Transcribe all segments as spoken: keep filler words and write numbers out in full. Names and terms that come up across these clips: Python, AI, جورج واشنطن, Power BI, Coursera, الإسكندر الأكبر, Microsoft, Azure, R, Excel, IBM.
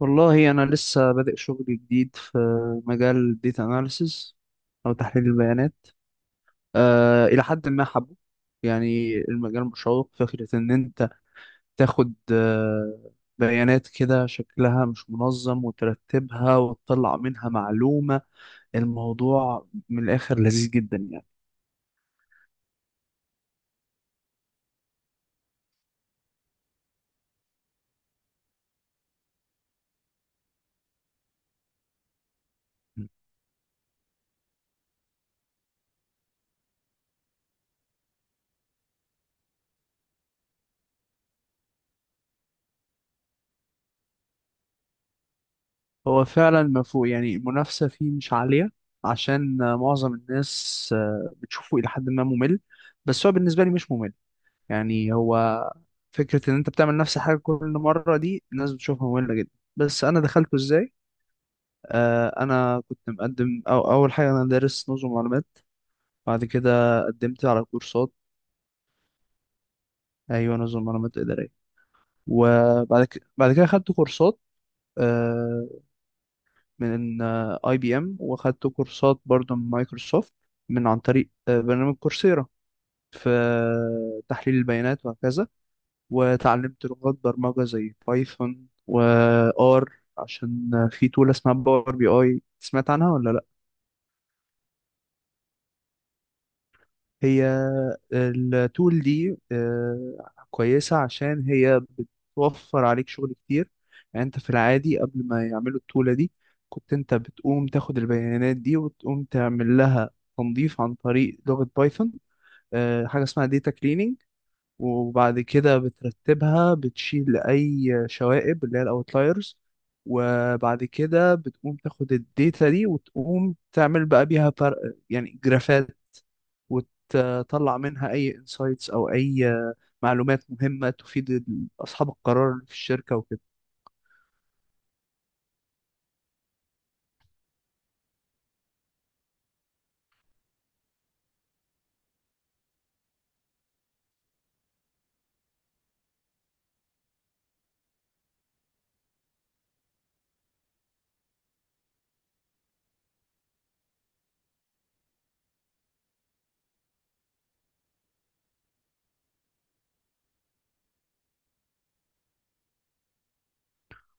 والله انا لسه بادئ شغل جديد في مجال داتا اناليسز او تحليل البيانات. أه الى حد ما حبه. يعني المجال مشوق، فكره ان انت تاخد آه، بيانات كده شكلها مش منظم وترتبها وتطلع منها معلومه. الموضوع من الاخر لذيذ جدا يعني. هو فعلا ما فوق، يعني المنافسه فيه مش عاليه عشان آه، معظم الناس آه، بتشوفه الى حد ما ممل. بس هو بالنسبه لي مش ممل. يعني هو فكرة إن أنت بتعمل نفس الحاجة كل مرة، دي الناس بتشوفها مملة جدا. بس أنا دخلته إزاي؟ آه أنا كنت مقدم، أو أول حاجة أنا دارس نظم معلومات. بعد كده قدمت على كورسات. أيوة، نظم معلومات إدارية. وبعد كده بعد كده خدت كورسات آه من أي بي إم، وخدت كورسات برضه من مايكروسوفت، من عن طريق آه برنامج كورسيرا، في تحليل البيانات وهكذا. وتعلمت لغات برمجة زي بايثون و R، عشان في تول اسمها باور بي اي، سمعت عنها ولا لا؟ هي التول دي آه، كويسة عشان هي بتوفر عليك شغل كتير. يعني انت في العادي قبل ما يعملوا التولة دي كنت انت بتقوم تاخد البيانات دي وتقوم تعمل لها تنظيف عن طريق لغة بايثون، آه، حاجة اسمها داتا cleaning. وبعد كده بترتبها، بتشيل أي شوائب اللي هي الأوتلايرز، وبعد كده بتقوم تاخد الداتا دي وتقوم تعمل بقى بيها فرق، يعني جرافات، وتطلع منها أي انسايتس أو أي معلومات مهمة تفيد ال- أصحاب القرار اللي في الشركة وكده.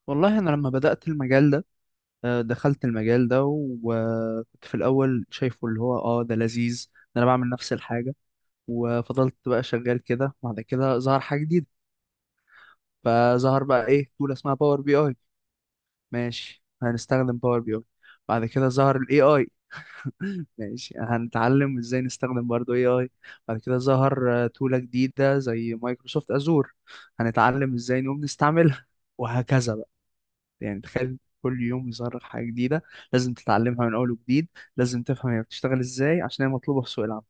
والله أنا لما بدأت المجال ده، آه، دخلت المجال ده وكنت في الأول شايفه اللي هو اه ده لذيذ، ده أنا بعمل نفس الحاجة. وفضلت بقى شغال كده، بعد كده ظهر حاجة جديدة، فظهر بقى ايه، تول اسمها باور بي اي. ماشي، هنستخدم باور بي اي. بعد كده ظهر الاي اي. ماشي، هنتعلم ازاي نستخدم برضو اي اي. بعد كده ظهر آه، تولة جديدة زي مايكروسوفت ازور. هنتعلم ازاي نقوم نستعملها، وهكذا بقى. يعني تخيل كل يوم يظهر لك حاجة جديدة لازم تتعلمها من اول وجديد، لازم تفهم هي بتشتغل ازاي عشان هي مطلوبة في سوق العمل.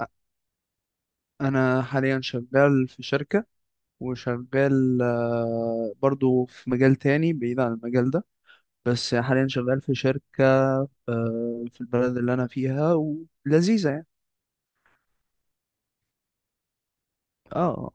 أ- انا حاليا شغال في شركة، وشغال آه، برضو في مجال تاني بعيد عن المجال ده. بس حاليا شغال في شركة آه، في البلد اللي أنا فيها ولذيذة يعني. اه.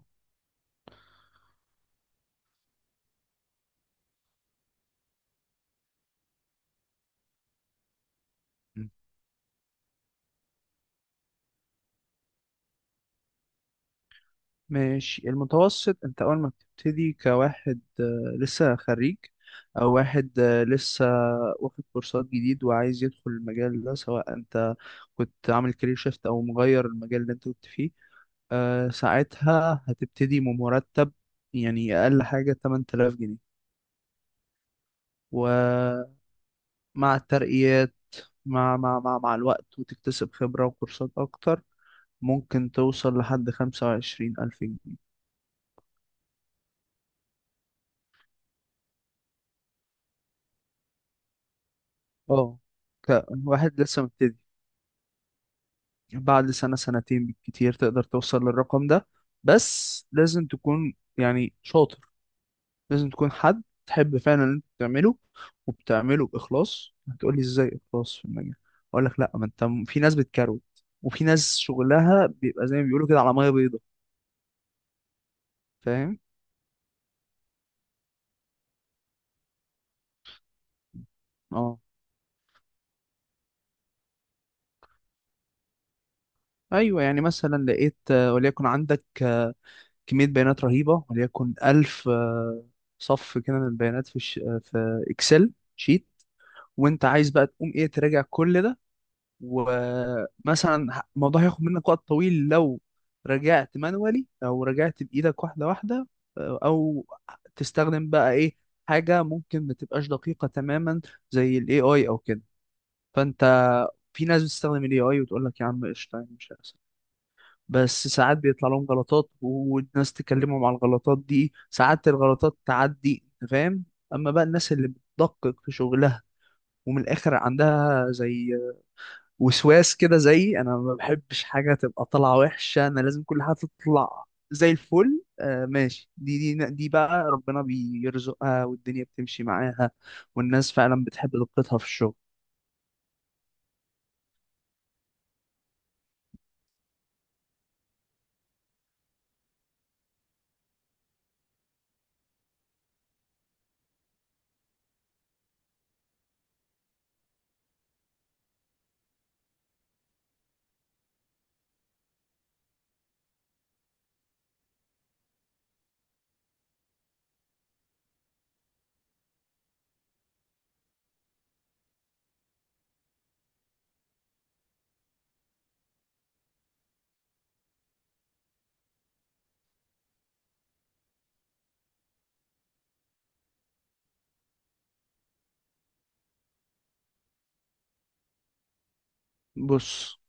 ماشي، المتوسط، انت اول ما بتبتدي كواحد آه، لسه خريج، او واحد آه، لسه واخد كورسات جديد وعايز يدخل المجال ده، سواء انت كنت عامل كارير شيفت او مغير المجال اللي انت كنت فيه، آه، ساعتها هتبتدي بمرتب يعني اقل حاجة ثمانية آلاف جنيه. ومع الترقيات، مع مع مع مع الوقت وتكتسب خبرة وكورسات أكتر، ممكن توصل لحد خمسة وعشرين ألف جنيه. اه، كواحد لسه مبتدي، بعد سنة سنتين بالكتير تقدر توصل للرقم ده. بس لازم تكون يعني شاطر، لازم تكون حد تحب فعلا اللي انت بتعمله وبتعمله بإخلاص. هتقولي ازاي إخلاص في المجال؟ أقول لك، لأ، ما انت م- في ناس بتكروت، وفي ناس شغلها بيبقى زي ما بيقولوا كده على مية بيضة. فاهم؟ اه. ايوه، يعني مثلا لقيت آه، وليكن عندك آه، كميه بيانات رهيبه، وليكن ألف آه، صف كده من البيانات في الش... آه، في اكسل شيت، وانت عايز بقى تقوم ايه، تراجع كل ده. ومثلا ه- الموضوع هياخد منك وقت طويل لو رجعت مانوالي او رجعت بايدك واحده واحده. آه، او تستخدم بقى ايه، حاجه ممكن ما تبقاش دقيقه تماما زي الاي اي او كده. فانت، في ناس بتستخدم الاي اي وتقول لك يا عم قشطه، يعني مش، بس ساعات بيطلع لهم غلطات والناس تكلمهم على الغلطات دي، ساعات الغلطات تعدي، انت فاهم. اما بقى الناس اللي بتدقق في شغلها، ومن الاخر عندها زي وسواس كده، زي انا ما بحبش حاجه تبقى طالعه وحشه، انا لازم كل حاجه تطلع زي الفل. آه ماشي، دي دي دي بقى ربنا بيرزقها والدنيا بتمشي معاها، والناس فعلا بتحب دقتها في الشغل. بص،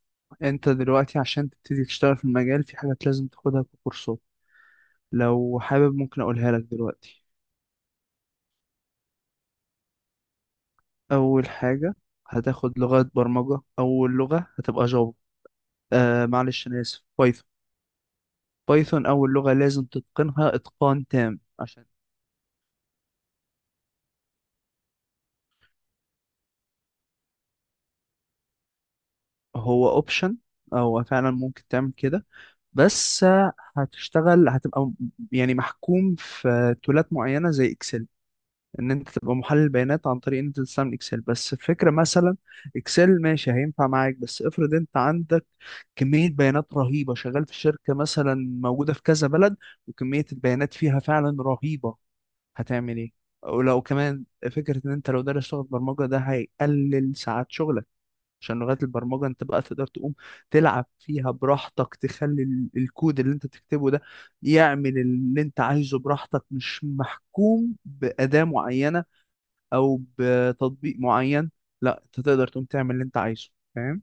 انت دلوقتي عشان تبتدي تشتغل في المجال، في حاجات لازم تاخدها ككورسات، لو حابب ممكن أقولها لك دلوقتي. أول حاجة هتاخد لغة برمجة، أول لغة هتبقى جافا، آه معلش أنا آسف، بايثون. بايثون أول لغة لازم تتقنها إتقان تام عشان... هو أوبشن، أو فعلا ممكن تعمل كده، بس هتشتغل، هتبقى م- يعني محكوم في تولات معينة زي إكسل. ان انت تبقى محلل بيانات عن طريق ان انت تستعمل اكسل، بس الفكره مثلا اكسل ماشي هينفع معاك، بس افرض انت عندك كميه بيانات رهيبه، شغال في شركه مثلا موجوده في كذا بلد وكميه البيانات فيها فعلا رهيبه، هتعمل ايه؟ ولو كمان، فكره ان انت لو دارس لغه برمجه ده هيقلل ساعات شغلك، عشان لغات البرمجه انت بقى تقدر تقوم تلعب فيها براحتك، تخلي ال- الكود اللي انت تكتبه ده يعمل اللي انت عايزه براحتك، مش محكوم بأداة معينة او بتطبيق معين، لا انت تقدر تقوم تعمل اللي انت عايزه، فاهم.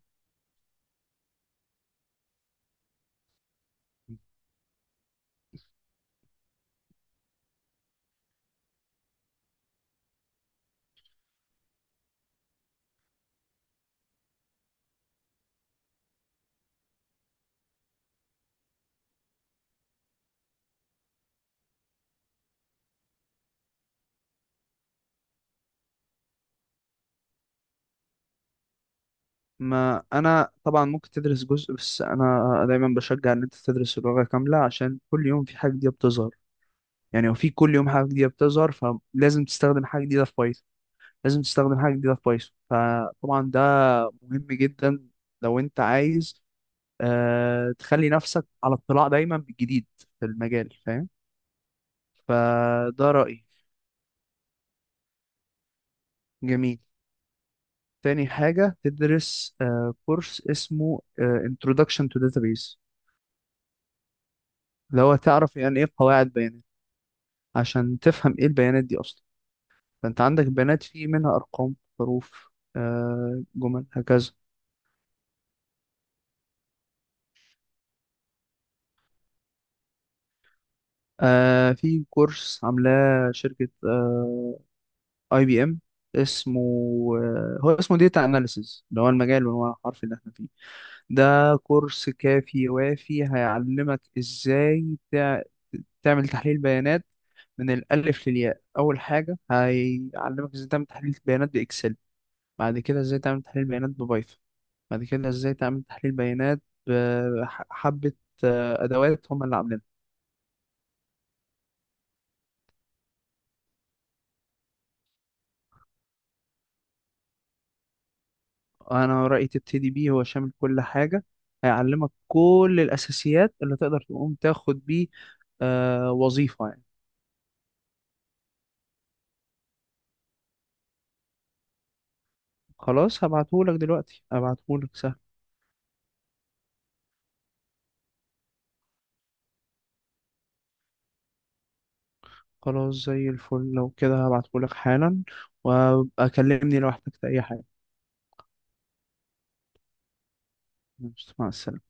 ما انا طبعا ممكن تدرس جزء، بس انا دايما بشجع ان انت تدرس اللغة كاملة عشان كل يوم في حاجة جديدة بتظهر. يعني وفي كل يوم حاجة جديدة بتظهر، فلازم تستخدم حاجة جديدة في بايثون، لازم تستخدم حاجة جديدة في بايثون، فطبعا ده مهم جدا لو انت عايز آه تخلي نفسك على اطلاع دايما بالجديد في المجال، فاهم. فده رأيي. جميل. تاني حاجة تدرس آه، كورس اسمه آه، Introduction to Database، اللي هو تعرف يعني إيه قواعد بيانات، عشان تفهم إيه البيانات دي أصلا. فأنت عندك بيانات في منها أرقام، حروف، آه، جمل، هكذا. آه، في كورس عاملاه شركة أي بي إم، اسمه آه، هو اسمه Data Analysis، اللي هو المجال والعنوان الحرفي اللي احنا فيه. ده كورس كافي وافي، هيعلمك ازاي تعمل تحليل بيانات من الألف للياء. أول حاجة هيعلمك إزاي تعمل تحليل بيانات بإكسل، بعد كده إزاي تعمل تحليل بيانات ببايثون، بعد كده إزاي تعمل تحليل بيانات بحبة آه، أدوات هم اللي عاملينها. أنا رأيي تبتدي بيه، هو شامل كل حاجة، هيعلمك كل الأساسيات اللي تقدر تقوم تاخد بيه آه، وظيفة يعني. خلاص، هبعتهولك دلوقتي، هبعتهولك سهل. خلاص، زي الفل، لو كده هبعتهولك حالا، وأكلمني لو احتجت أي حاجة. مع السلامة.